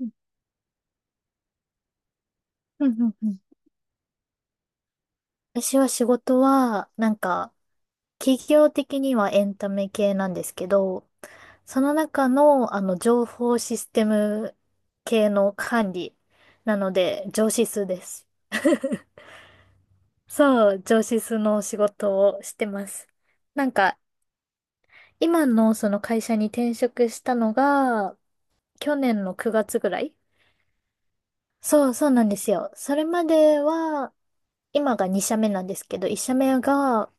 うん、うん、うん。うん、私は仕事は、なんか、企業的にはエンタメ系なんですけど、その中の、情報システム系の管理なので、上司数です。そう、上司数の仕事をしてます。なんか、今のその会社に転職したのが、去年の9月ぐらい。そう、そうなんですよ。それまでは、今が2社目なんですけど、1社目が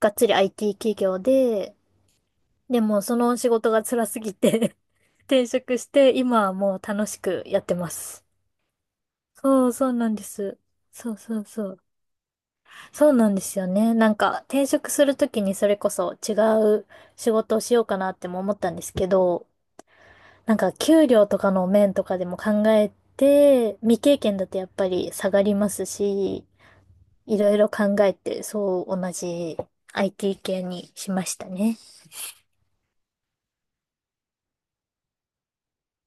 がっつり IT 企業で、でも、その仕事が辛すぎて 転職して、今はもう楽しくやってます。そう、そうなんです。そうそうそう。そうなんですよね。なんか、転職するときにそれこそ違う仕事をしようかなっても思ったんですけど、なんか、給料とかの面とかでも考えて、未経験だとやっぱり下がりますし、いろいろ考えて、そう、同じ IT 系にしましたね。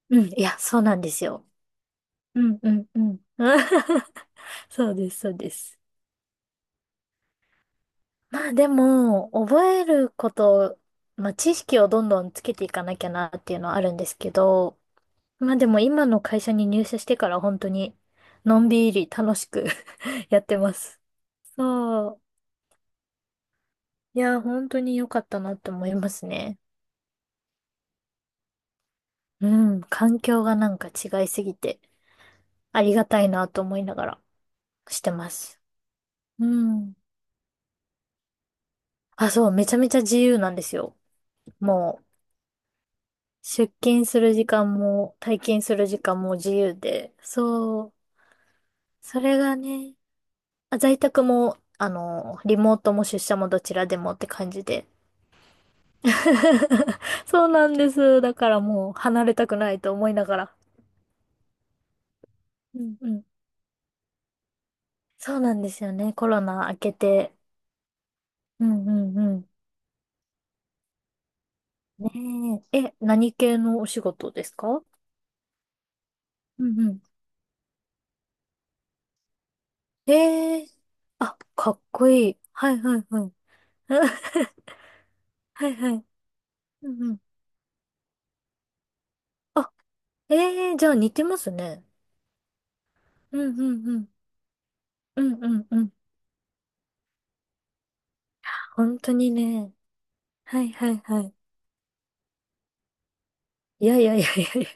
うん、いや、そうなんですよ。うん、うん、うん。そうです、そうです。まあでも、覚えること、まあ知識をどんどんつけていかなきゃなっていうのはあるんですけど、まあでも今の会社に入社してから本当にのんびり楽しく やってます。そう。いや、本当に良かったなって思いますね。うん、環境がなんか違いすぎてありがたいなと思いながらしてます。うん。あ、そう、めちゃめちゃ自由なんですよ。もう。出勤する時間も退勤する時間も自由で、そう、それがね、あ、在宅も、リモートも出社もどちらでもって感じで。そうなんです。だからもう離れたくないと思いながら。うんうん。そうなんですよね。コロナ明けて。うんうんうん。ねえ。え、何系のお仕事ですか？うんうん。ええー。あ、かっこいい。はいはいはい。はいはい。うんうん。あ、ええ、じゃあ似てますね。うんうんうん。うんうんうん。本当にね。はいはいはい。いやいやいやいやいや。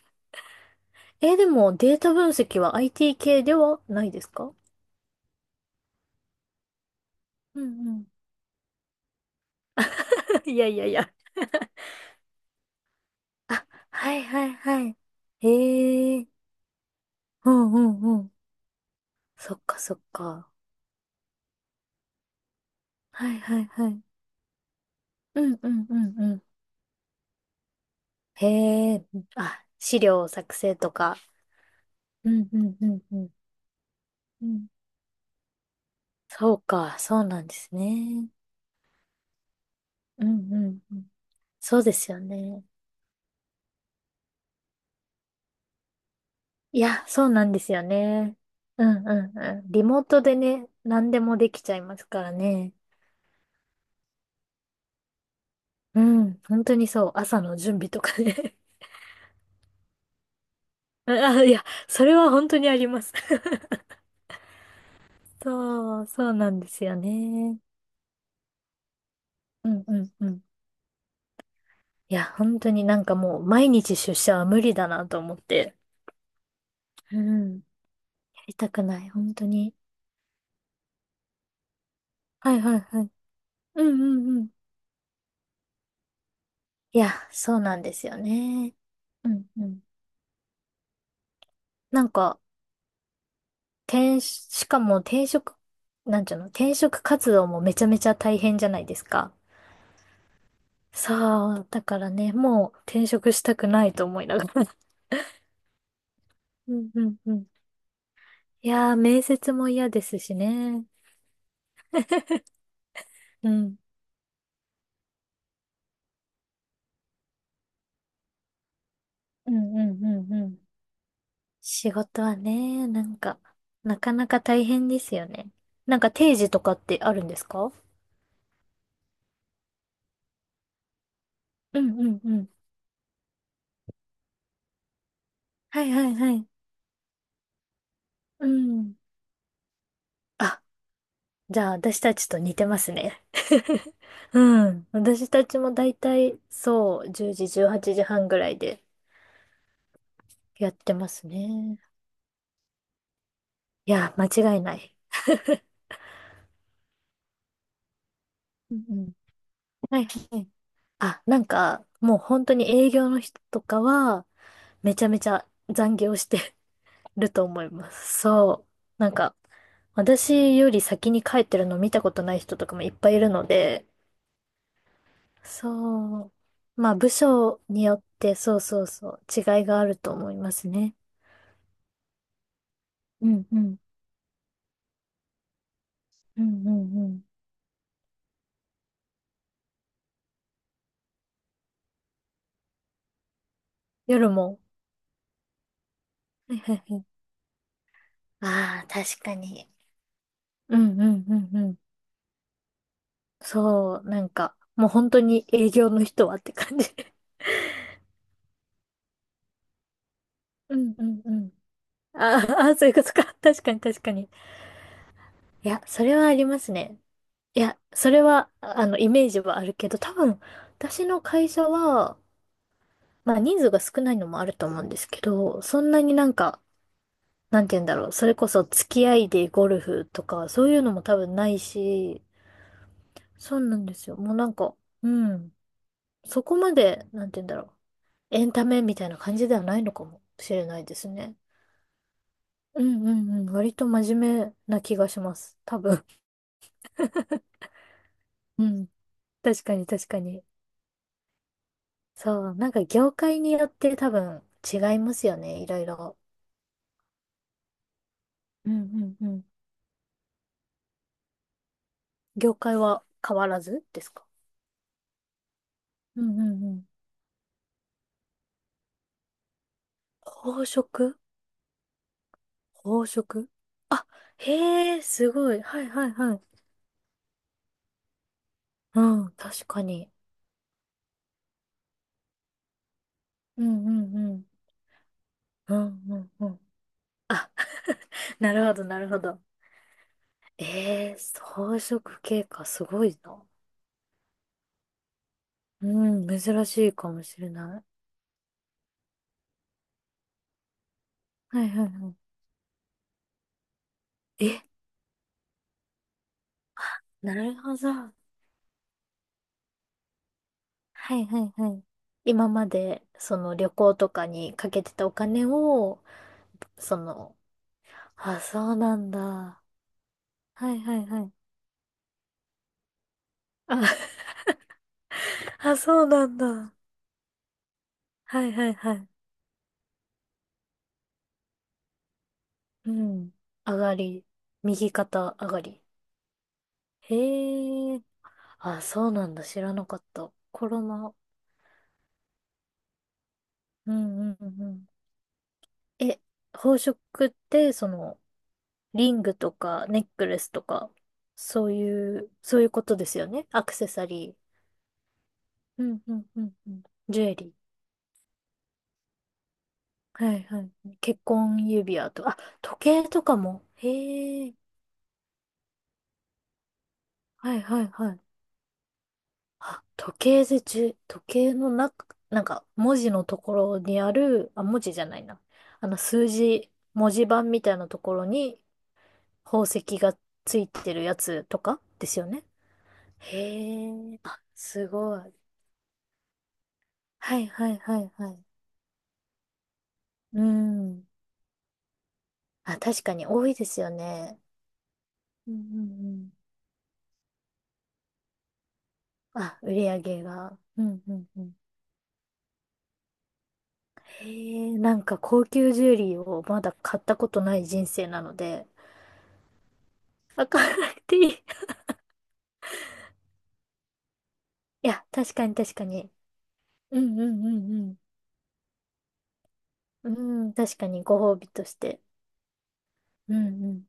えー、でもデータ分析は IT 系ではないですか？うんうん。いやいやいや。あ、はいはいはい。ええー。うんうんうん。そっかそっか。はいはいはい。うんうんうんうん。へえ。あ、資料作成とか。うんうんうんうん。うん。そうか、そうなんですね。うんうんうん。そうですよね。いや、そうなんですよね。うんうんうん。リモートでね、何でもできちゃいますからね。うん、本当にそう。朝の準備とかね。あ、いや、それは本当にあります。そう、そうなんですよね。うんうんうん。いや、本当になんかもう毎日出社は無理だなと思って。うん。やりたくない、本当に。はいはいはい。うんうんうん。いや、そうなんですよね。うんうん。なんか、しかも転職、なんちゅうの、転職活動もめちゃめちゃ大変じゃないですか？さあ、だからね、もう転職したくないと思いながら。うんうんうん。いやー、面接も嫌ですしね。うん。うんうんうんうん。仕事はね、なんか、なかなか大変ですよね。なんか定時とかってあるんですか？うんうんうん。はいはいはい。うん。あ、じゃあ、私たちと似てますね。うん。私たちもだいたい、そう、10時、18時半ぐらいでやってますね。いや、間違いない。うんうん。はいはい。あ、なんか、もう本当に営業の人とかは、めちゃめちゃ残業して ると思います。そう。なんか、私より先に帰ってるの見たことない人とかもいっぱいいるので、そう。まあ、部署によって、そうそうそう、違いがあると思いますね。うん、うん、うん、うん、うん。夜も。はいはいはい。ああ、確かに。うん、うん、うん、うん。そう、なんか、もう本当に営業の人はって感じ。うん、うん、うん。あーあー、そういうことか。確かに、確かに。いや、それはありますね。いや、それは、イメージはあるけど、多分、私の会社は、まあ、人数が少ないのもあると思うんですけど、そんなになんか、なんて言うんだろう。それこそ付き合いでゴルフとか、そういうのも多分ないし、そうなんですよ。もうなんか、うん。そこまで、なんて言うんだろう。エンタメみたいな感じではないのかもしれないですね。うんうんうん。割と真面目な気がします。多分。うん。確かに確かに。そう。なんか業界によって多分違いますよね。いろいろ。うんうんうん。業界は変わらずですか？うんうんうん。宝飾。宝飾。へえ、すごい。はいはいはい。うん、確かに。うんうんうん。うんうんうん。なるほど、なるほど。えー、装飾系か、すごいな。うん、珍しいかもしれない。はいはいはい。え、なるほど。はいはいはい。今まで、その旅行とかにかけてたお金を、その、あ、そうなんだ。はいはいはい。あ、あ、そうなんだ。はいはいはい。うん。上がり。右肩上がり。へえ。あ、そうなんだ。知らなかった。コロナ。うんうんうんうん。え、宝飾って、リングとか、ネックレスとか、そういうことですよね。アクセサリー。うん、うん、うん、うん。ジュエリー。はい、はい。結婚指輪とか、あ、時計とかも。へえ。はい、はい、はい。あ、時計でじゅ時計の中、なんか、文字のところにある、あ、文字じゃないな。数字、文字盤みたいなところに、宝石がついてるやつとかですよね。へえ、あ、すごい。はいはいはいはい。うん。あ、確かに多いですよね。うんうんうん。あ、売り上げが。うんうんうん。へえ、なんか高級ジュエリーをまだ買ったことない人生なので、わからなくていい。いや、確かに確かに。うんうんうんうん。うん、確かにご褒美として。うんうん